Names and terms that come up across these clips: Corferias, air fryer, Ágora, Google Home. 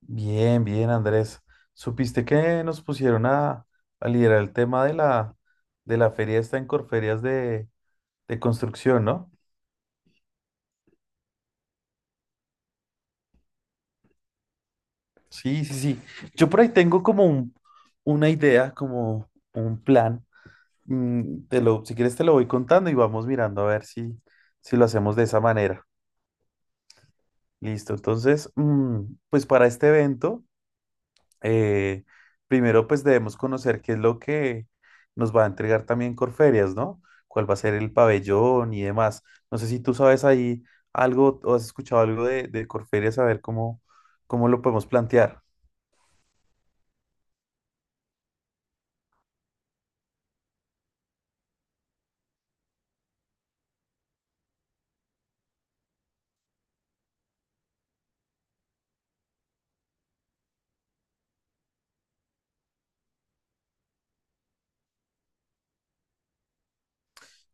Bien, bien, Andrés. ¿Supiste que nos pusieron a liderar el tema de la feria esta en Corferias de construcción, no? Sí, sí, sí. Yo por ahí tengo como una idea, como un plan. Si quieres te lo voy contando y vamos mirando a ver si lo hacemos de esa manera. Listo. Entonces, pues para este evento. eh, Primero pues debemos conocer qué es lo que nos va a entregar también Corferias, ¿no? ¿Cuál va a ser el pabellón y demás? No sé si tú sabes ahí algo o has escuchado algo de Corferias, a ver cómo lo podemos plantear.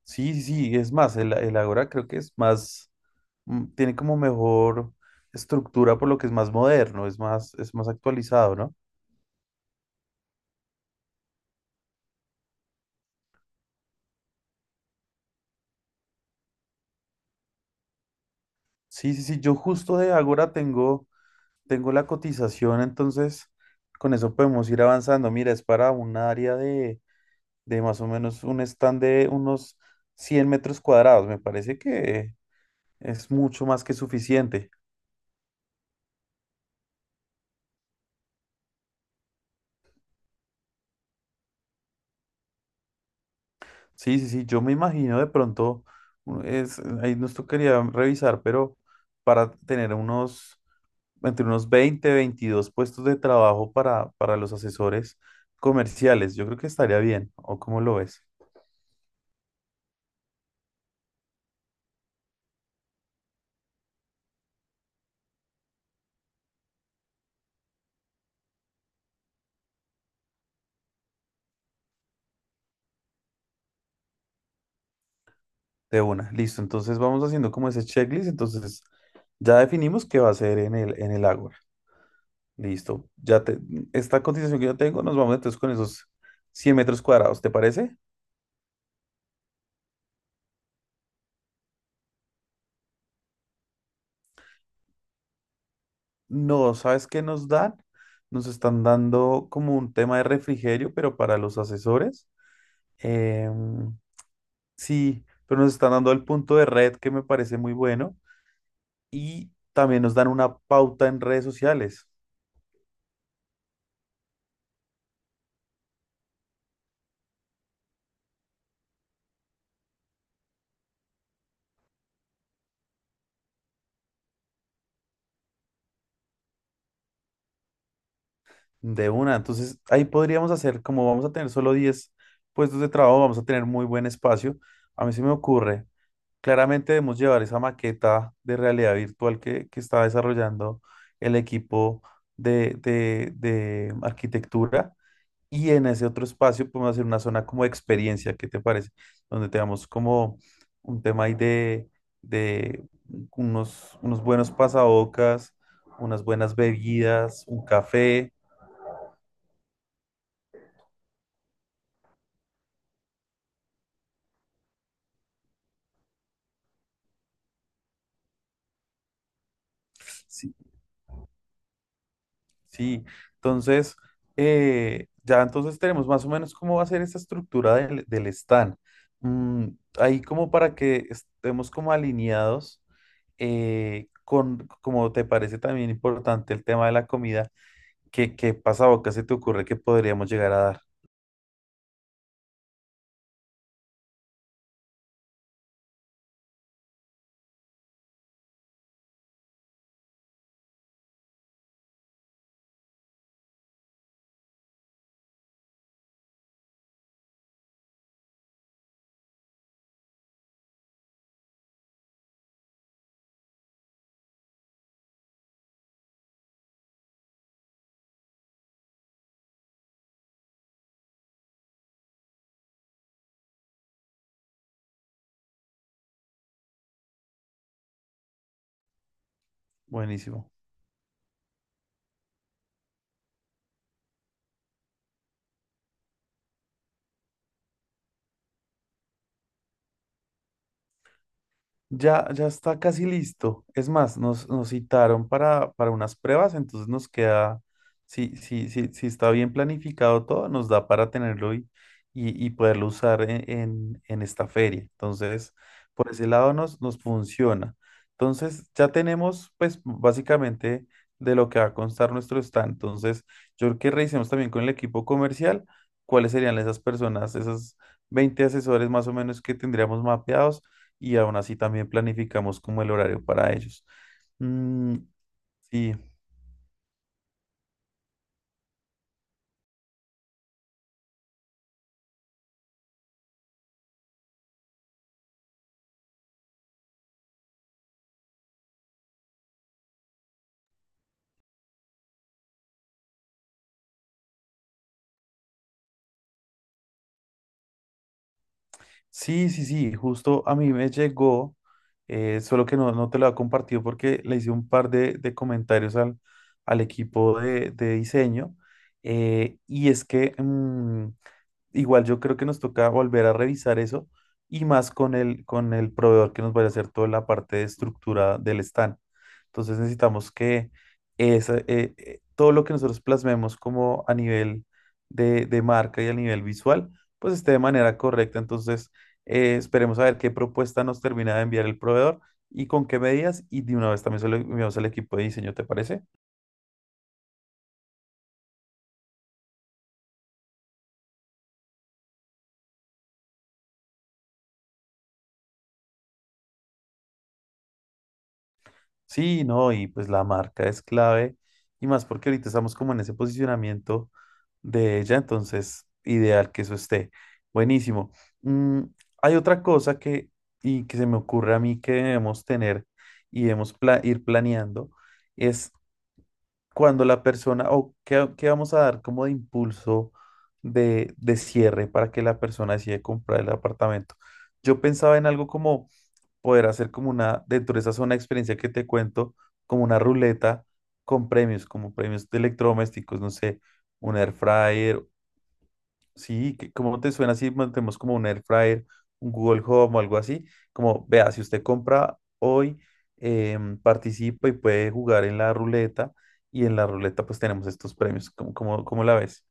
Sí, sí, sí, es más, el Ágora creo que es más, tiene como mejor estructura por lo que es más moderno, es más actualizado, ¿no? Sí, sí, sí, yo justo de Ágora tengo la cotización, entonces con eso podemos ir avanzando. Mira, es para un área de más o menos un stand de unos 100 metros cuadrados. Me parece que es mucho más que suficiente. Sí, sí, sí, yo me imagino de pronto, es, ahí nos tocaría revisar, pero para tener unos entre unos 20 22 puestos de trabajo para los asesores comerciales. Yo creo que estaría bien, ¿o cómo lo ves? De una, listo. Entonces vamos haciendo como ese checklist. Entonces ya definimos qué va a ser en el Ágora. Listo. Esta cotización que yo tengo, nos vamos entonces con esos 100 metros cuadrados, ¿te parece? No, ¿sabes qué nos dan? Nos están dando como un tema de refrigerio, pero para los asesores. Em, sí, pero nos están dando el punto de red que me parece muy bueno y también nos dan una pauta en redes sociales. De una. Entonces ahí podríamos hacer, como vamos a tener solo 10 puestos de trabajo, vamos a tener muy buen espacio. A mí se me ocurre, claramente debemos llevar esa maqueta de realidad virtual que está desarrollando el equipo de arquitectura. Y en ese otro espacio podemos hacer una zona como de experiencia, ¿qué te parece? Donde tengamos como un tema ahí de unos buenos pasabocas, unas buenas bebidas, un café. Sí, sí. Entonces, ya entonces tenemos más o menos cómo va a ser esa estructura del stand. Mm, Ahí como para que estemos como alineados, como te parece también importante el tema de la comida. ¿Qué pasa, qué se te ocurre que podríamos llegar a dar? Buenísimo. Ya, ya está casi listo. Es más, nos citaron para unas pruebas, entonces nos queda, si está bien planificado todo, nos da para tenerlo y poderlo usar en esta feria. Entonces, por ese lado nos funciona. Entonces, ya tenemos, pues, básicamente de lo que va a constar nuestro stand. Entonces, yo creo que revisemos también con el equipo comercial cuáles serían esas personas, esas 20 asesores más o menos que tendríamos mapeados y aún así también planificamos como el horario para ellos. Mm. Sí, sí, sí, sí, justo a mí me llegó, solo que no te lo he compartido porque le hice un par de comentarios al equipo de diseño, y es que igual yo creo que nos toca volver a revisar eso y más con el, proveedor que nos vaya a hacer toda la parte de estructura del stand. Entonces necesitamos que todo lo que nosotros plasmemos como a nivel de marca y a nivel visual, pues esté de manera correcta. Entonces esperemos a ver qué propuesta nos termina de enviar el proveedor y con qué medidas y de una vez también se lo enviamos al equipo de diseño, ¿te parece? Sí, no, y pues la marca es clave, y más porque ahorita estamos como en ese posicionamiento de ella, entonces ideal que eso esté. Buenísimo. Mm, Hay otra cosa que, y que se me ocurre a mí que debemos tener y debemos ir planeando, es cuando la persona, o qué, qué vamos a dar como de impulso de cierre para que la persona decida comprar el apartamento. Yo pensaba en algo como poder hacer como dentro de esa zona de experiencia que te cuento, como una ruleta con premios, como premios de electrodomésticos, no sé, un air fryer, sí, ¿cómo te suena si mantenemos como un air fryer, un Google Home o algo así? Como, vea, si usted compra hoy, participa y puede jugar en la ruleta, y en la ruleta pues tenemos estos premios, ¿cómo la ves?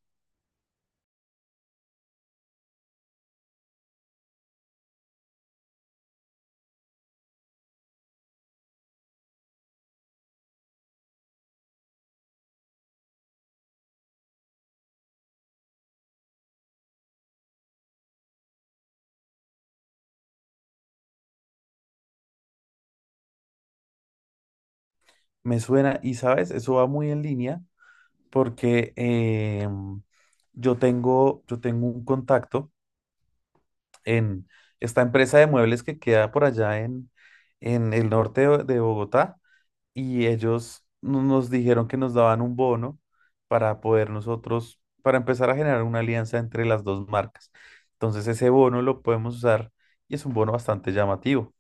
Me suena, y sabes, eso va muy en línea porque yo tengo un contacto en esta empresa de muebles que queda por allá en el norte de Bogotá y ellos nos dijeron que nos daban un bono para poder nosotros, para empezar a generar una alianza entre las dos marcas. Entonces ese bono lo podemos usar y es un bono bastante llamativo.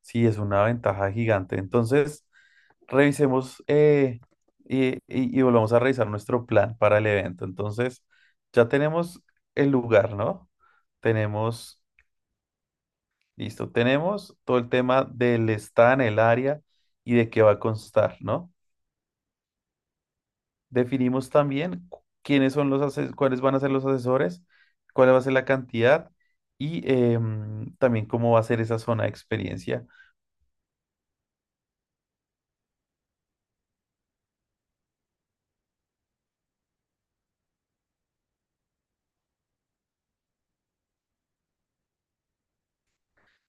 Sí, es una ventaja gigante. Entonces, revisemos y volvamos a revisar nuestro plan para el evento. Entonces, ya tenemos el lugar, ¿no? Tenemos Listo, tenemos todo el tema del stand, el área y de qué va a constar, ¿no? Definimos también quiénes son cuáles van a ser los asesores, cuál va a ser la cantidad y también cómo va a ser esa zona de experiencia.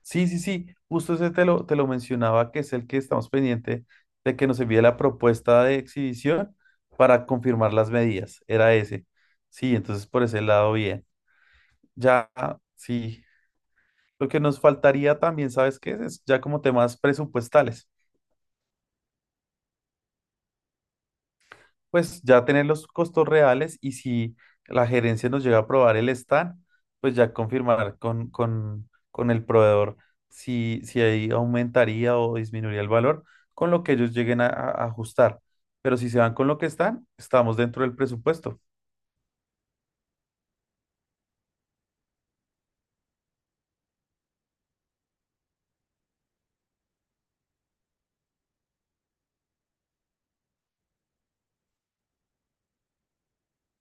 Sí, sí, sí, justo ese te lo, mencionaba, que es el que estamos pendiente de que nos envíe la propuesta de exhibición para confirmar las medidas, era ese. Sí, entonces por ese lado bien. Ya, sí. Lo que nos faltaría también, ¿sabes qué? Es ya como temas presupuestales. Pues ya tener los costos reales y si la gerencia nos llega a aprobar el stand, pues ya confirmar con, con el proveedor si ahí aumentaría o disminuiría el valor con lo que ellos lleguen a ajustar. Pero si se van con lo que están, estamos dentro del presupuesto.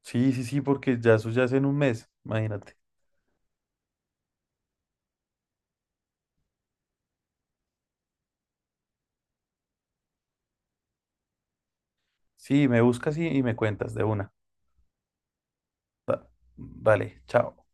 Sí, sí, sí, porque ya eso ya es en un mes, imagínate. Sí, me buscas y me cuentas de una. Da- Dale, chao.